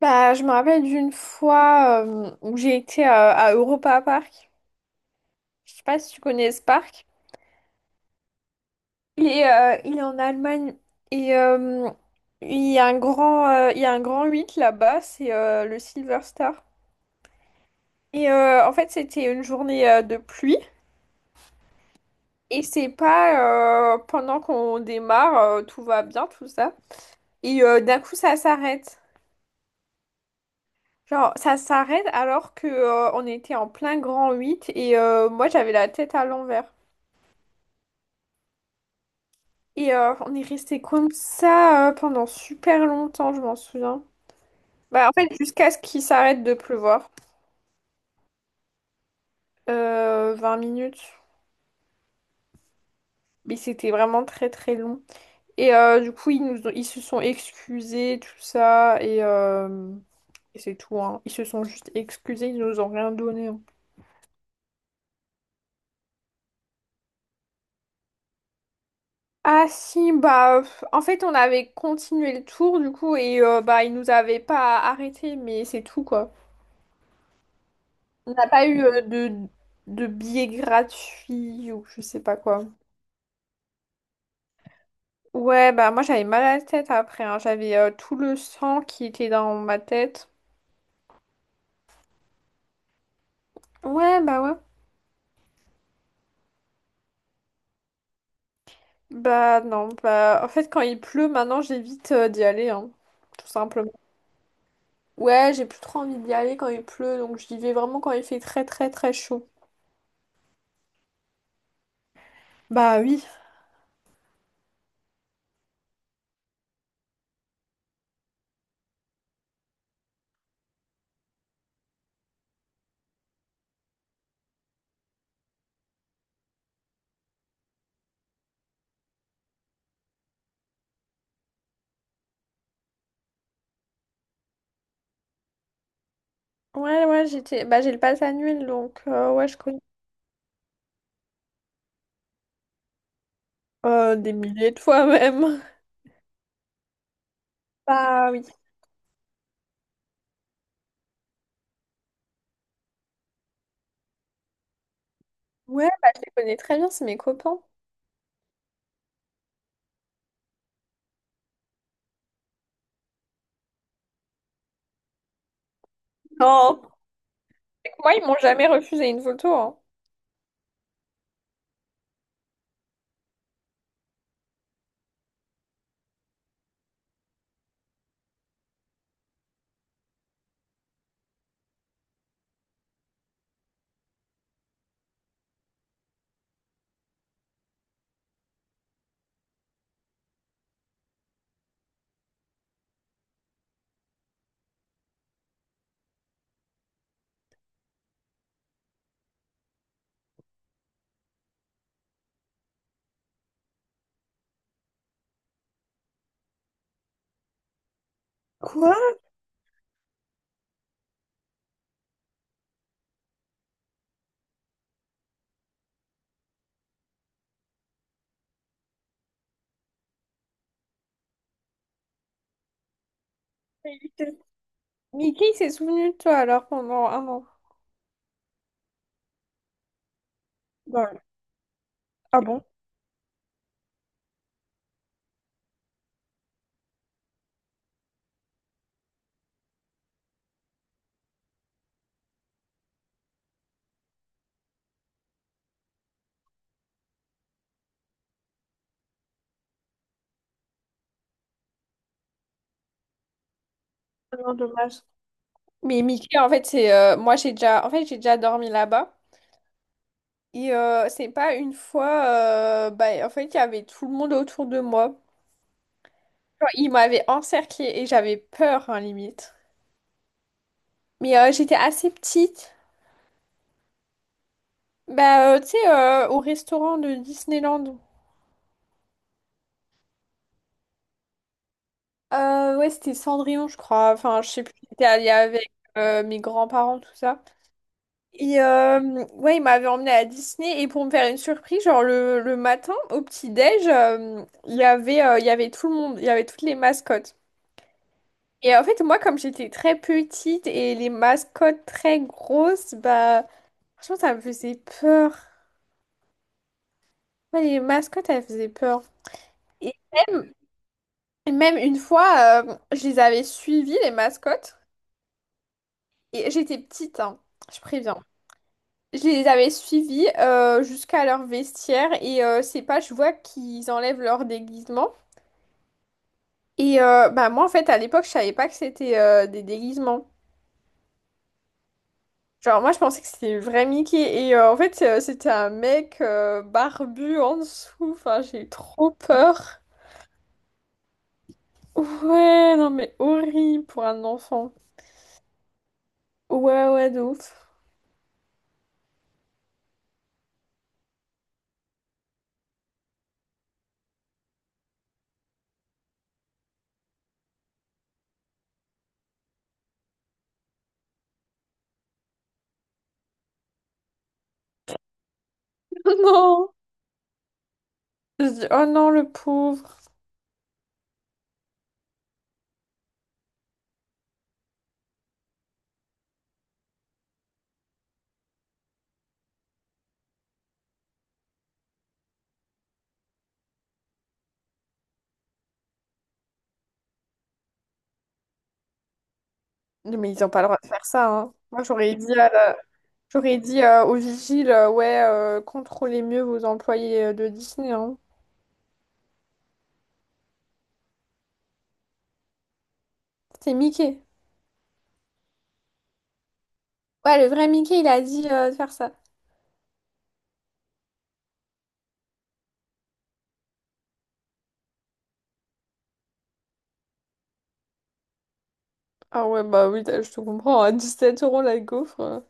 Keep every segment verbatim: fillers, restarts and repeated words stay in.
Bah, je me rappelle d'une fois euh, où j'ai été euh, à Europa Park. Je sais pas si tu connais ce parc. Il est, euh, il est en Allemagne et euh, il y a un grand, euh, il y a un grand huit là-bas, c'est euh, le Silver Star. Et euh, en fait, c'était une journée euh, de pluie et c'est pas euh, pendant qu'on démarre, euh, tout va bien, tout ça. Et euh, d'un coup, ça s'arrête. Genre, ça s'arrête alors que euh, on était en plein grand huit. Et euh, moi, j'avais la tête à l'envers. Et euh, on est resté comme ça euh, pendant super longtemps, je m'en souviens. Bah, en fait, jusqu'à ce qu'il s'arrête de pleuvoir. Euh, vingt minutes. Mais c'était vraiment très très long. Et euh, du coup, ils nous ont- ils se sont excusés, tout ça. Et, euh, et c'est tout, hein. Ils se sont juste excusés, ils nous ont rien donné, hein. Ah si, bah, pff, en fait, on avait continué le tour, du coup, et euh, bah, ils nous avaient pas arrêté, mais c'est tout, quoi. On n'a pas eu euh, de, de billets gratuits ou je sais pas quoi. Ouais, bah moi j'avais mal à la tête après, hein. J'avais euh, tout le sang qui était dans ma tête. Ouais, bah ouais. Bah non, bah en fait quand il pleut maintenant j'évite euh, d'y aller, hein. Tout simplement. Ouais, j'ai plus trop envie d'y aller quand il pleut, donc j'y vais vraiment quand il fait très très très chaud. Bah oui. Ouais, ouais, j'étais... Bah j'ai le pass annuel, donc euh, ouais, je connais. Euh, des milliers de fois même. Bah oui. Ouais, bah je les connais très bien, c'est mes copains. Non. Moi, ils m'ont jamais refusé une photo, hein. Quoi? Mickey il s'est souvenu de toi alors pendant un an. Bah, ah bon? Non, dommage. Mais Mickey, en fait, c'est euh, moi j'ai déjà en fait j'ai déjà dormi là-bas et euh, c'est pas une fois euh, bah en fait il y avait tout le monde autour de moi. Genre, ils m'avaient encerclée et j'avais peur hein, limite. Mais euh, j'étais assez petite. Bah euh, tu sais euh, au restaurant de Disneyland. Euh, ouais, c'était Cendrillon, je crois. Enfin, je sais plus, j'étais allée avec euh, mes grands-parents, tout ça. Et euh, ouais, il m'avait emmenée à Disney. Et pour me faire une surprise, genre le, le matin, au petit-déj, euh, il y avait, euh, il y avait tout le monde, il y avait toutes les mascottes. Et en fait, moi, comme j'étais très petite et les mascottes très grosses, bah, franchement, ça me faisait peur. Ouais, les mascottes, elles faisaient peur. Et même, et même une fois, euh, je les avais suivies, les mascottes. Et j'étais petite, hein, je préviens. Je les avais suivis euh, jusqu'à leur vestiaire et euh, c'est pas, je vois qu'ils enlèvent leur déguisement. Et euh, bah moi en fait à l'époque je savais pas que c'était euh, des déguisements. Genre moi je pensais que c'était le vrai Mickey et euh, en fait euh, c'était un mec euh, barbu en dessous. Enfin j'ai eu trop peur. Ouais non mais horrible pour un enfant. Ouais ouais de ouf. Non. Je dis, oh non le pauvre. Non, mais ils ont pas le droit de faire ça hein. Moi j'aurais dit à la- J'aurais dit euh, au vigile, euh, ouais, euh, contrôlez mieux vos employés euh, de Disney, hein. C'est Mickey. Ouais, le vrai Mickey, il a dit euh, de faire ça. Ah ouais, bah oui, t'as- je te comprends, à dix-sept euros la gaufre, euh.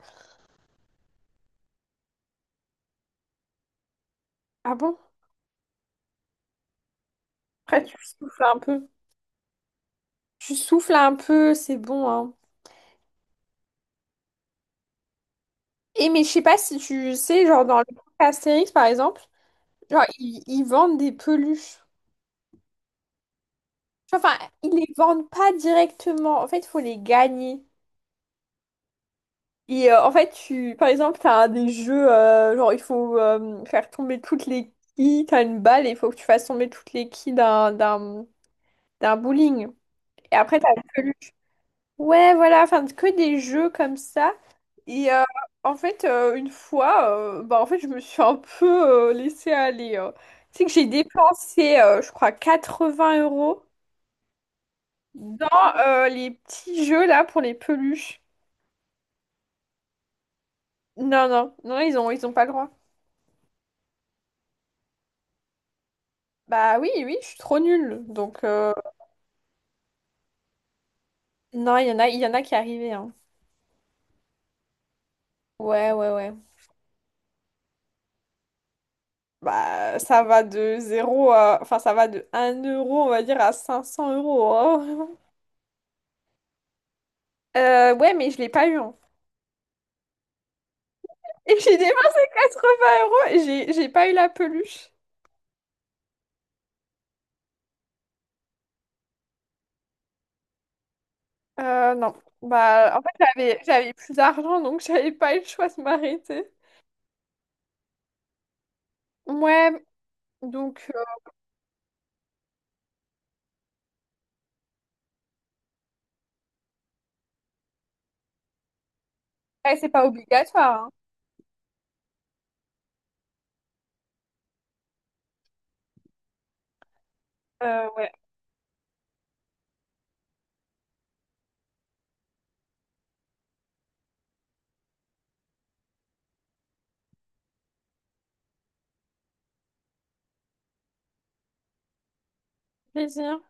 Ah bon? Après, tu souffles un peu. Tu souffles un peu, c'est bon, hein. Et mais je sais pas si tu sais, genre dans le parc Astérix, par exemple, genre, ils, ils vendent des peluches. Enfin, ils les vendent pas directement. En fait, il faut les gagner. Et euh, en fait, tu, par exemple, tu as des jeux, euh, genre il faut euh, faire tomber toutes les quilles, tu as une balle et il faut que tu fasses tomber toutes les quilles d'un d'un- d'un bowling. Et après, tu as une peluche. Ouais, voilà, enfin, que des jeux comme ça. Et euh, en fait, euh, une fois, euh, bah, en fait, je me suis un peu euh, laissée aller, euh. Tu sais que j'ai dépensé, euh, je crois, quatre-vingts euros dans euh, les petits jeux là pour les peluches. Non, non, non, ils ont, ils ont pas le droit. Bah oui, oui, je suis trop nulle. Donc, euh, non, il y en a, il y en a qui arrivaient, hein. Ouais, ouais, ouais. Bah, ça va de zéro à... Enfin, ça va de un euro, on va dire, à cinq cents euros, hein. Euh, ouais, mais je l'ai pas eu, hein. Et j'ai dépensé quatre-vingts euros et j'ai j'ai pas eu la peluche. Euh, non. Bah, en fait, j'avais j'avais plus d'argent, donc j'avais pas eu le choix de m'arrêter. Ouais, donc, euh, ouais, c'est pas obligatoire, hein. Euh, ouais. Plaisir.